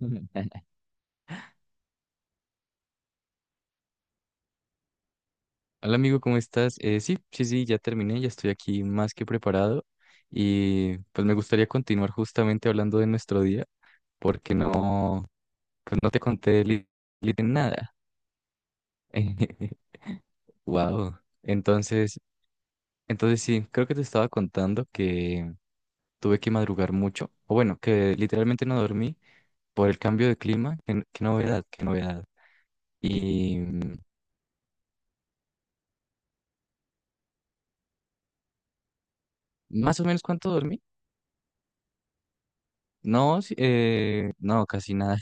Ujú. Hola amigo, ¿cómo estás? Sí, sí, sí, ya terminé, ya estoy aquí más que preparado y pues me gustaría continuar justamente hablando de nuestro día porque no, pues no te conté nada. Wow. Entonces sí, creo que te estaba contando que tuve que madrugar mucho, o bueno, que literalmente no dormí por el cambio de clima. Qué novedad, qué novedad. Y más o menos cuánto dormí. No, sí, no, casi nada.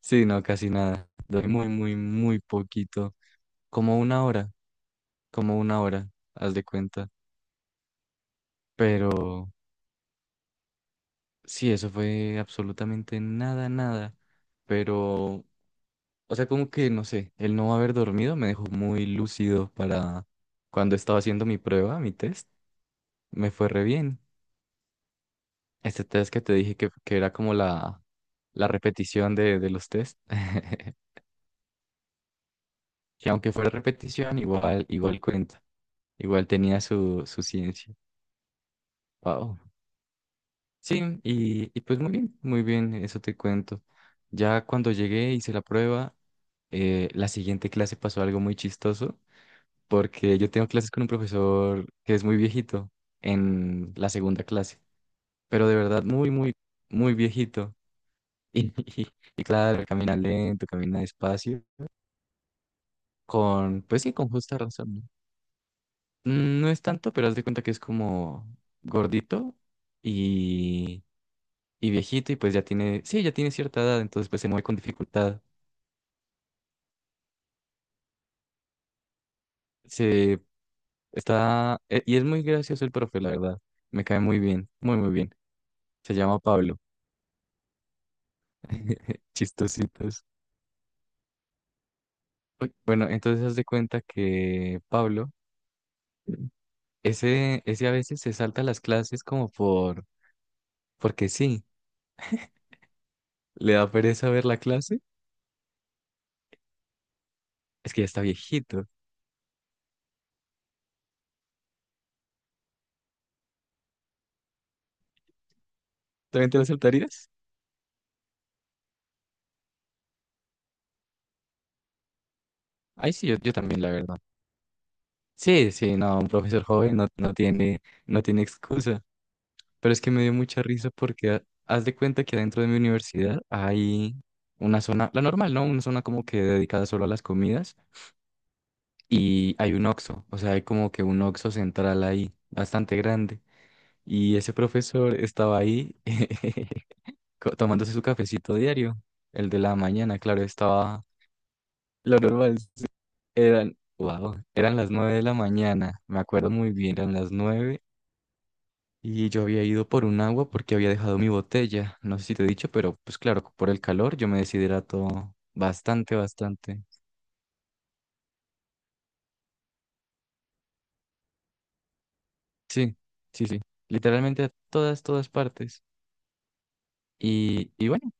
Sí, no, casi nada. Dormí muy, muy, muy poquito. Como una hora, como una hora, haz de cuenta. Pero sí, eso fue absolutamente nada, nada. Pero, o sea, como que, no sé, el no haber dormido me dejó muy lúcido para cuando estaba haciendo mi prueba, mi test. Me fue re bien. Este test que te dije que era como la repetición de los test. Que aunque fuera repetición, igual, igual cuenta. Igual tenía su, su ciencia. Wow. Sí, y pues muy bien, eso te cuento. Ya cuando llegué, hice la prueba, la siguiente clase pasó algo muy chistoso, porque yo tengo clases con un profesor que es muy viejito en la segunda clase, pero de verdad muy, muy, muy viejito. Y, y, y claro, camina lento, camina despacio, con, pues sí, con justa razón, ¿no? No es tanto, pero haz de cuenta que es como gordito y viejito y pues ya tiene, sí, ya tiene cierta edad, entonces pues se mueve con dificultad. Se y es muy gracioso el profe, la verdad. Me cae muy bien, muy, muy bien. Se llama Pablo. Chistositos. Uy, bueno, entonces haz de cuenta que Pablo, ese a veces se salta las clases porque sí, le da pereza ver la clase. Es que ya está viejito. ¿También te la saltarías? Ay, sí, yo también, la verdad. Sí, sí, no, un profesor joven no tiene excusa. Pero es que me dio mucha risa porque haz de cuenta que adentro de mi universidad hay una zona, la normal, ¿no? Una zona como que dedicada solo a las comidas y hay un Oxxo, o sea, hay como que un Oxxo central ahí, bastante grande. Y ese profesor estaba ahí tomándose su cafecito diario, el de la mañana, claro, estaba lo normal. Eran, wow, eran las 9 de la mañana, me acuerdo muy bien, eran las 9. Y yo había ido por un agua porque había dejado mi botella. No sé si te he dicho, pero pues claro, por el calor yo me deshidrato bastante, bastante. Sí, sí, sí. Literalmente a todas, todas partes. Y bueno,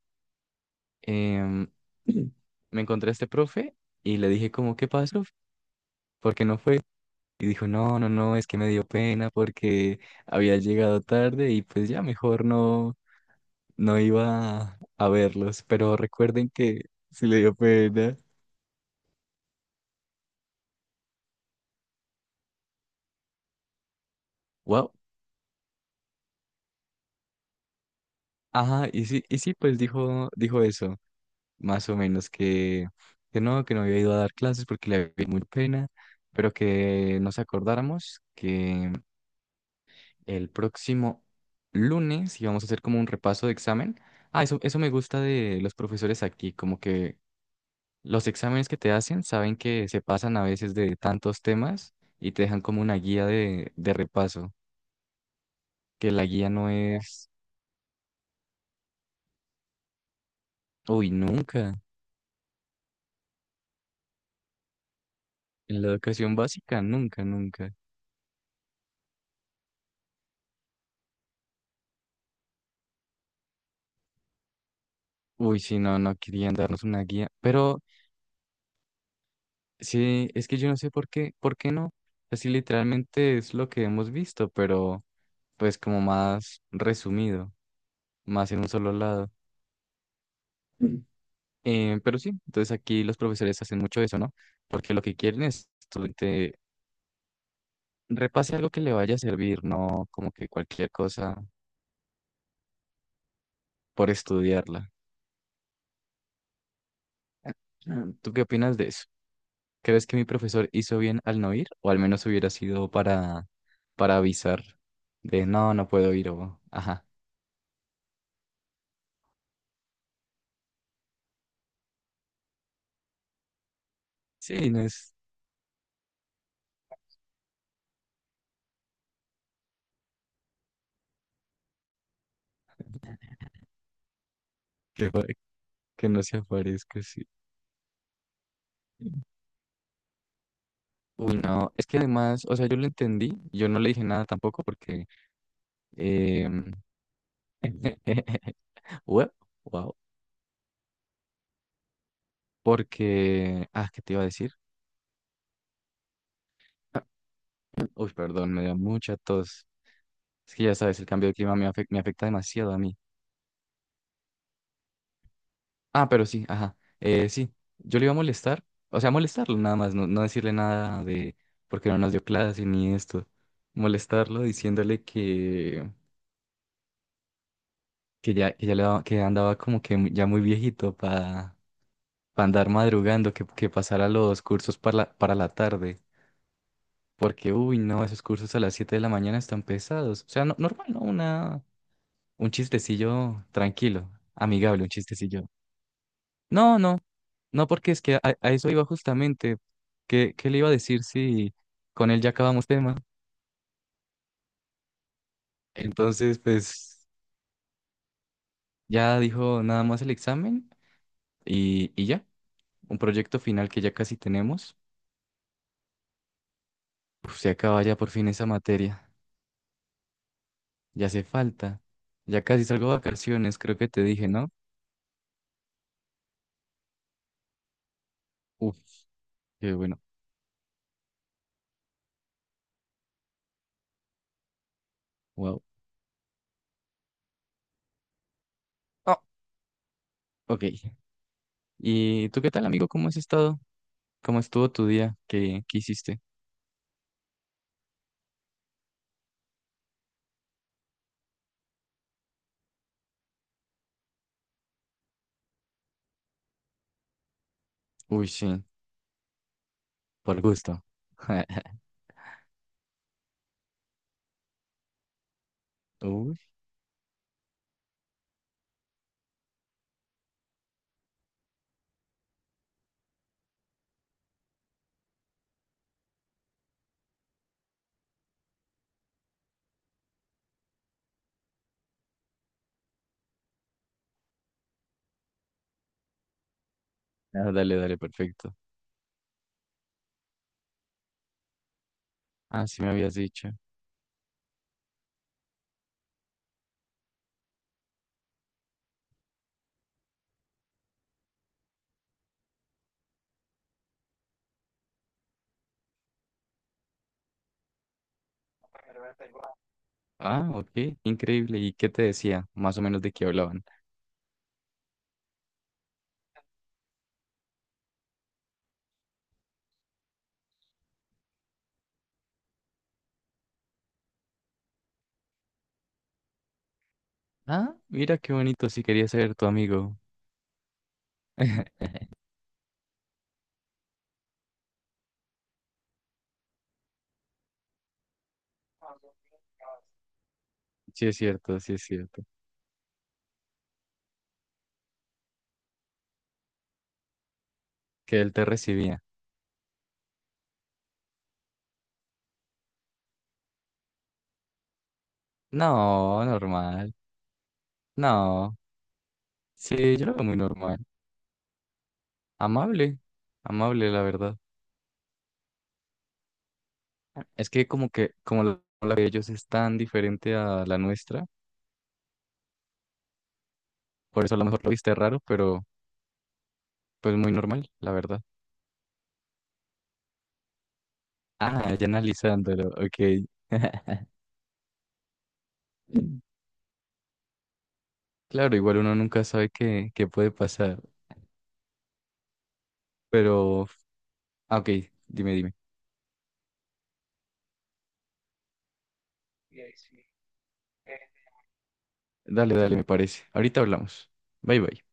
em, me encontré a este profe y le dije como, ¿qué pasó? ¿Por qué no fue? Y dijo, no, no, no, es que me dio pena porque había llegado tarde y pues ya mejor no, a verlos. Pero recuerden que sí le dio pena. Wow. Ajá, y sí, pues dijo, eso, más o menos, que no había ido a dar clases porque le había muy pena, pero que nos acordáramos que el próximo lunes íbamos a hacer como un repaso de examen. Ah, eso me gusta de los profesores aquí, como que los exámenes que te hacen saben que se pasan a veces de tantos temas y te dejan como una guía de repaso, que la guía no es, uy, nunca, en la educación básica, nunca, nunca. Uy, sí, no querían darnos una guía, pero sí, es que yo no sé por qué no. Así literalmente es lo que hemos visto, pero pues como más resumido, más en un solo lado. Mm. Pero sí, entonces aquí los profesores hacen mucho eso, ¿no? Porque lo que quieren es que estudiante repase algo que le vaya a servir, no como que cualquier cosa por estudiarla. Ah. ¿Tú qué opinas de eso? ¿Crees que mi profesor hizo bien al no ir? O al menos hubiera sido para avisar de no, puedo ir o ajá. Sí, no es que, pa- que no se aparezca, sí. Uy, no, es que además, o sea, yo lo entendí, yo no le dije nada tampoco porque, eh, wow, porque, ah, ¿qué te iba a decir? Uy, perdón, me dio mucha tos. Es que ya sabes, el cambio de clima me afecta demasiado a mí. Ah, pero sí, ajá. Sí, yo le iba a molestar, o sea, molestarlo nada más, no decirle nada de porque no nos dio clase ni esto. Molestarlo diciéndole que andaba como que ya muy viejito para andar madrugando, que pasara los cursos para la tarde. Porque, uy, no, esos cursos a las 7 de la mañana están pesados. O sea, normal, ¿no? Un chistecillo tranquilo, amigable, un chistecillo. No, no. No, porque es que a eso iba justamente. ¿Qué le iba a decir si con él ya acabamos tema? Entonces, pues ya dijo nada más el examen y ya, un proyecto final que ya casi tenemos. Uf, se acaba ya por fin esa materia. Ya hace falta. Ya casi salgo a vacaciones, creo que te dije, ¿no? Uf, qué bueno. Wow. Ah, ok. ¿Y tú qué tal, amigo? ¿Cómo has estado? ¿Cómo estuvo tu día? ¿Qué hiciste? Uy, sí, por gusto. Uy. Ah, dale, dale, perfecto. Ah, sí me habías dicho. Ah, ok, increíble. ¿Y qué te decía? Más o menos de qué hablaban. Ah, mira qué bonito, si quería ser tu amigo. Sí es cierto, sí es cierto. Que él te recibía. No, normal. No. Sí, yo lo veo muy normal. Amable. Amable, la verdad. Es que, como la de ellos es tan diferente a la nuestra, por eso a lo mejor lo viste raro, pero pues muy normal, la verdad. Ah, ya analizándolo, ok. Claro, igual uno nunca sabe qué puede pasar, pero... ah, ok, dime, dime. Dale, dale, me parece. Ahorita hablamos. Bye, bye.